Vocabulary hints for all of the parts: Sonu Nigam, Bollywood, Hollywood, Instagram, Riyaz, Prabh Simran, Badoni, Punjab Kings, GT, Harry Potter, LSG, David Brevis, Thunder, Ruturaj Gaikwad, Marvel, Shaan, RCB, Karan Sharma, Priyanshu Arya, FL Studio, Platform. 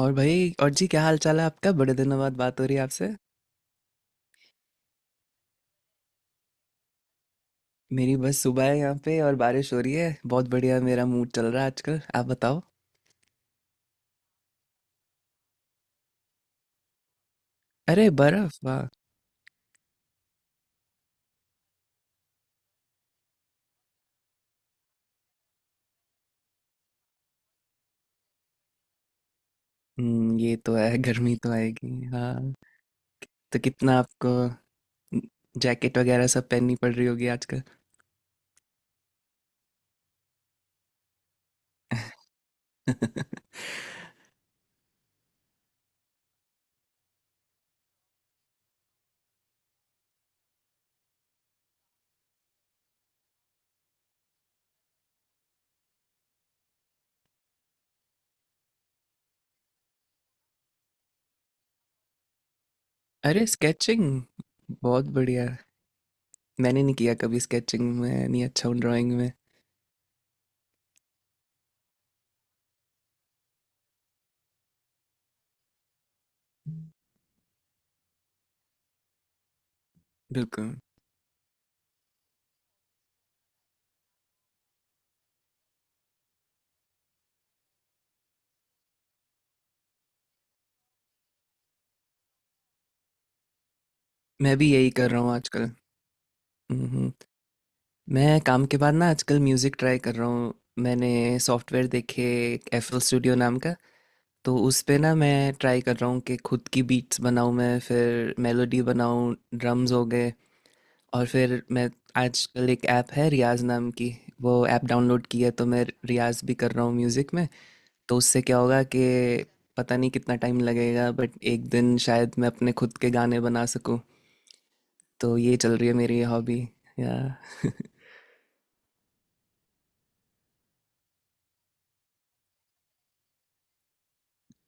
और भाई और जी क्या हाल चाल है आपका बड़े दिनों बाद बात हो रही है आपसे। मेरी बस सुबह है यहाँ पे और बारिश हो रही है बहुत बढ़िया मेरा मूड चल रहा है आजकल। आप बताओ। अरे बर्फ वाह। ये तो है। गर्मी तो आएगी हाँ। तो कितना आपको जैकेट वगैरह सब पहननी पड़ रही होगी आजकल। अरे स्केचिंग बहुत बढ़िया। मैंने नहीं किया कभी स्केचिंग। में नहीं अच्छा हूँ ड्राइंग में। बिल्कुल। मैं भी यही कर रहा हूँ आजकल। हम्म हम्म। मैं काम के बाद ना आजकल म्यूज़िक ट्राई कर रहा हूँ। मैंने सॉफ्टवेयर देखे एक एफएल स्टूडियो नाम का तो उस पे ना मैं ट्राई कर रहा हूँ कि खुद की बीट्स बनाऊँ मैं फिर मेलोडी बनाऊँ ड्रम्स हो गए और फिर मैं आजकल एक ऐप है रियाज नाम की वो ऐप डाउनलोड की है तो मैं रियाज भी कर रहा हूँ म्यूज़िक में। तो उससे क्या होगा कि पता नहीं कितना टाइम लगेगा बट एक दिन शायद मैं अपने खुद के गाने बना सकूँ। तो ये चल रही है मेरी हॉबी या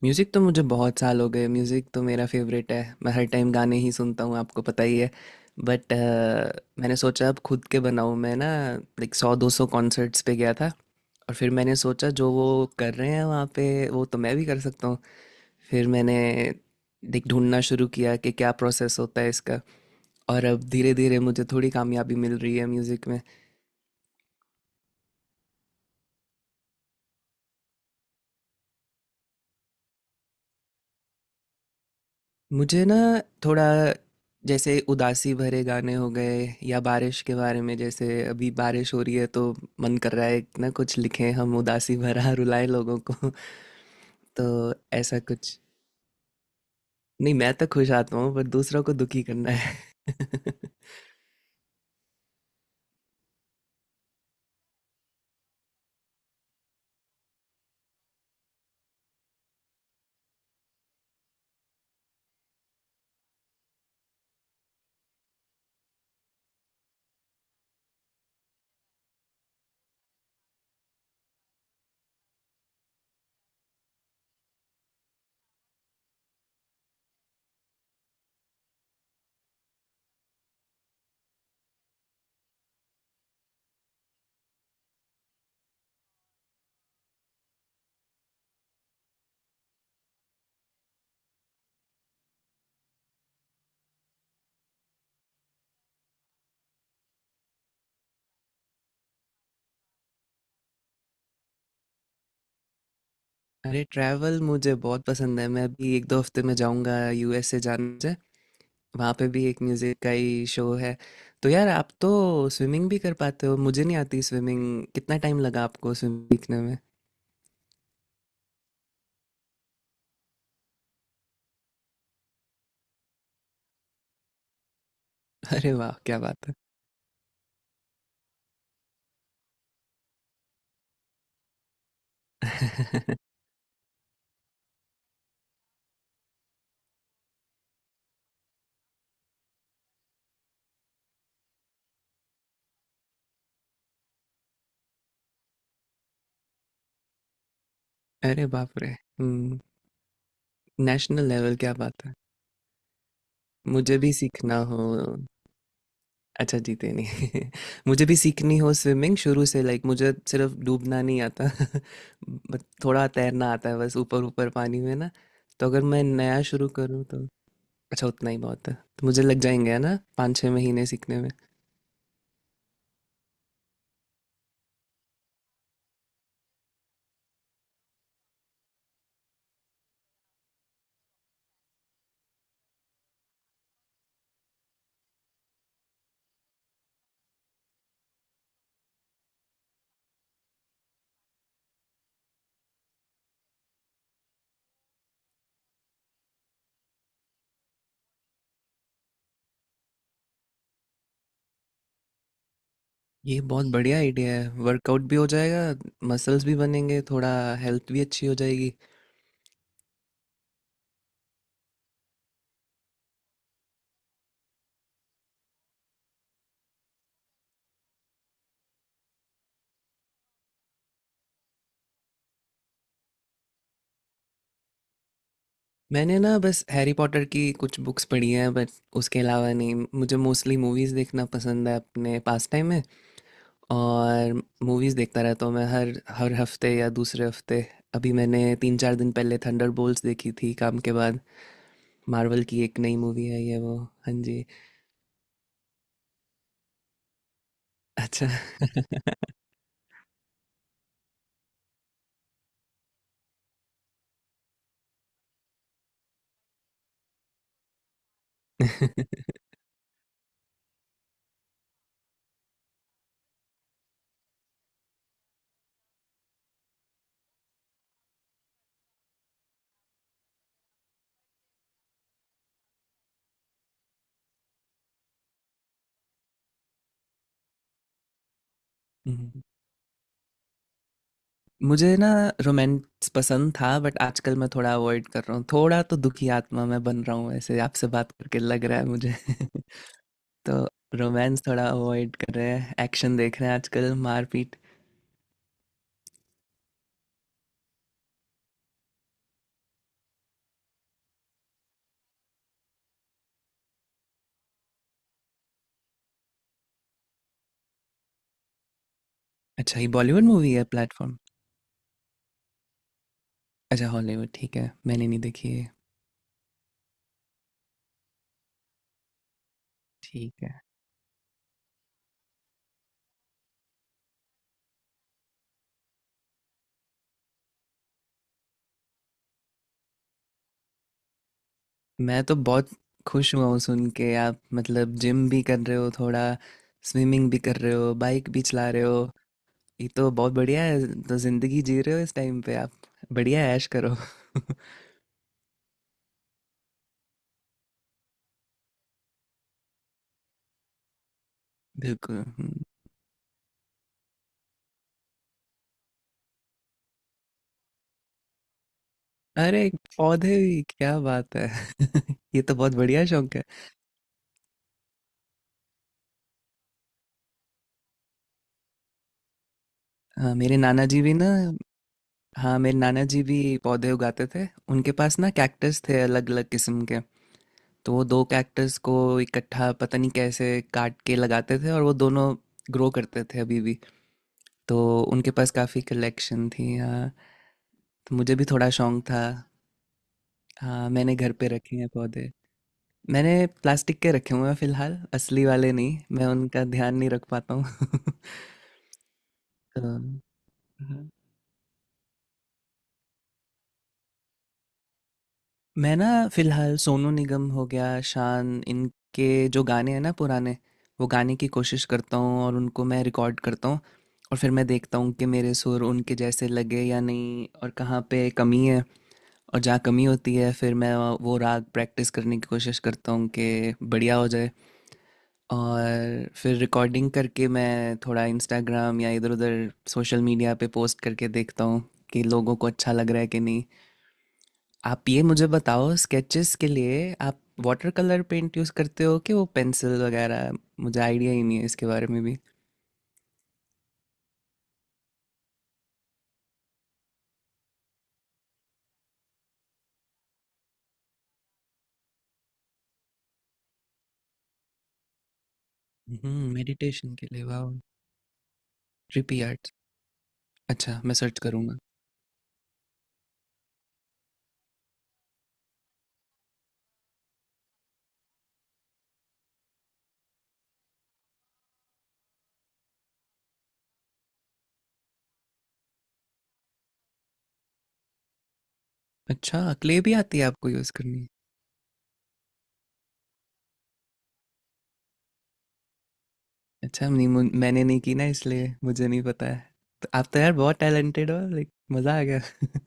म्यूज़िक। तो मुझे बहुत साल हो गए म्यूज़िक तो मेरा फेवरेट है मैं हर टाइम गाने ही सुनता हूँ आपको पता ही है बट मैंने सोचा अब खुद के बनाऊँ मैं ना। लाइक 100-200 कॉन्सर्ट्स पे गया था और फिर मैंने सोचा जो वो कर रहे हैं वहाँ पे वो तो मैं भी कर सकता हूँ। फिर मैंने लाइक ढूंढना शुरू किया कि क्या प्रोसेस होता है इसका और अब धीरे धीरे मुझे थोड़ी कामयाबी मिल रही है म्यूज़िक में। मुझे ना थोड़ा जैसे उदासी भरे गाने हो गए या बारिश के बारे में। जैसे अभी बारिश हो रही है तो मन कर रहा है कि ना कुछ लिखें हम उदासी भरा रुलाएं लोगों को। तो ऐसा कुछ नहीं मैं तो खुश आता हूँ पर दूसरों को दुखी करना है। अरे ट्रैवल मुझे बहुत पसंद है। मैं अभी एक दो हफ्ते में जाऊंगा यूएसए। जाने से वहाँ पे भी एक म्यूजिक का ही शो है। तो यार आप तो स्विमिंग भी कर पाते हो मुझे नहीं आती स्विमिंग। कितना टाइम लगा आपको स्विमिंग सीखने में? अरे वाह! क्या बात है। अरे बाप रे! हुँ, नेशनल लेवल क्या बात है। मुझे भी सीखना हो। अच्छा जीते नहीं। मुझे भी सीखनी हो स्विमिंग शुरू से। लाइक मुझे सिर्फ डूबना नहीं आता। बट थोड़ा तैरना आता है बस ऊपर-ऊपर पानी में ना, तो अगर मैं नया शुरू करूँ तो अच्छा उतना ही बहुत है। तो मुझे लग जाएँगे है ना 5-6 महीने सीखने में। ये बहुत बढ़िया आइडिया है, वर्कआउट भी हो जाएगा, मसल्स भी बनेंगे, थोड़ा हेल्थ भी अच्छी हो जाएगी। मैंने ना बस हैरी पॉटर की कुछ बुक्स पढ़ी हैं बट उसके अलावा नहीं। मुझे मोस्टली मूवीज़ देखना पसंद है अपने पास टाइम में और मूवीज़ देखता रहता हूँ मैं हर हर हफ्ते या दूसरे हफ्ते। अभी मैंने तीन चार दिन पहले थंडर देखी थी काम के बाद। मार्वल की एक नई मूवी है ये वो। हाँ जी। अच्छा। हम्म। मुझे ना रोमांस पसंद था बट आजकल मैं थोड़ा अवॉइड कर रहा हूँ। थोड़ा तो दुखी आत्मा मैं बन रहा हूँ ऐसे आपसे बात करके लग रहा है मुझे। तो रोमांस थोड़ा अवॉइड कर रहे हैं एक्शन देख रहे हैं आजकल मारपीट। अच्छा ये बॉलीवुड मूवी है प्लेटफॉर्म। अच्छा हॉलीवुड ठीक है मैंने नहीं देखी है। ठीक है। मैं तो बहुत खुश हुआ हूँ सुन के। आप मतलब जिम भी कर रहे हो थोड़ा स्विमिंग भी कर रहे हो बाइक भी चला रहे हो। ये तो बहुत बढ़िया है। तो जिंदगी जी रहे हो इस टाइम पे आप। बढ़िया ऐश करो। बिल्कुल अरे पौधे भी क्या बात है। ये तो बहुत बढ़िया शौक है। हाँ मेरे नाना जी भी ना हाँ मेरे नाना जी भी पौधे उगाते थे। उनके पास ना कैक्टस थे अलग अलग किस्म के तो वो दो कैक्टस को इकट्ठा पता नहीं कैसे काट के लगाते थे और वो दोनों ग्रो करते थे अभी भी। तो उनके पास काफ़ी कलेक्शन थी हाँ। तो मुझे भी थोड़ा शौक था। हाँ मैंने घर पे रखे हैं पौधे। मैंने प्लास्टिक के रखे हुए हैं फिलहाल असली वाले नहीं मैं उनका ध्यान नहीं रख पाता हूँ। तो, हाँ। मैं ना फ़िलहाल सोनू निगम हो गया, शान, इनके जो गाने हैं ना पुराने, वो गाने की कोशिश करता हूँ और उनको मैं रिकॉर्ड करता हूँ। और फिर मैं देखता हूँ कि मेरे सुर उनके जैसे लगे या नहीं और कहाँ पे कमी है और जहाँ कमी होती है फिर मैं वो राग प्रैक्टिस करने की कोशिश करता हूँ कि बढ़िया हो जाए। और फिर रिकॉर्डिंग करके मैं थोड़ा इंस्टाग्राम या इधर-उधर सोशल मीडिया पे पोस्ट करके देखता हूँ कि लोगों को अच्छा लग रहा है कि नहीं। आप ये मुझे बताओ स्केचेस के लिए आप वाटर कलर पेंट यूज़ करते हो कि वो पेंसिल वगैरह। मुझे आइडिया ही नहीं है इसके बारे में भी। मेडिटेशन के लिए वाह। Trippy art. अच्छा मैं सर्च करूँगा। अच्छा क्ले भी आती है आपको यूज़ करनी। अच्छा नहीं मैंने नहीं की ना इसलिए मुझे नहीं पता है। तो आप तो यार बहुत टैलेंटेड हो लाइक मज़ा आ गया।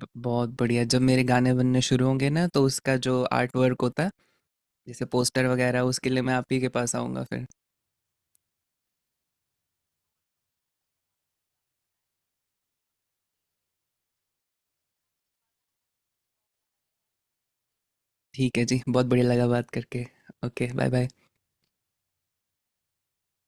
बहुत बढ़िया। जब मेरे गाने बनने शुरू होंगे ना तो उसका जो आर्ट वर्क होता है जैसे पोस्टर वगैरह उसके लिए मैं आप ही के पास आऊँगा फिर। ठीक है जी बहुत बढ़िया लगा बात करके। Okay bye bye.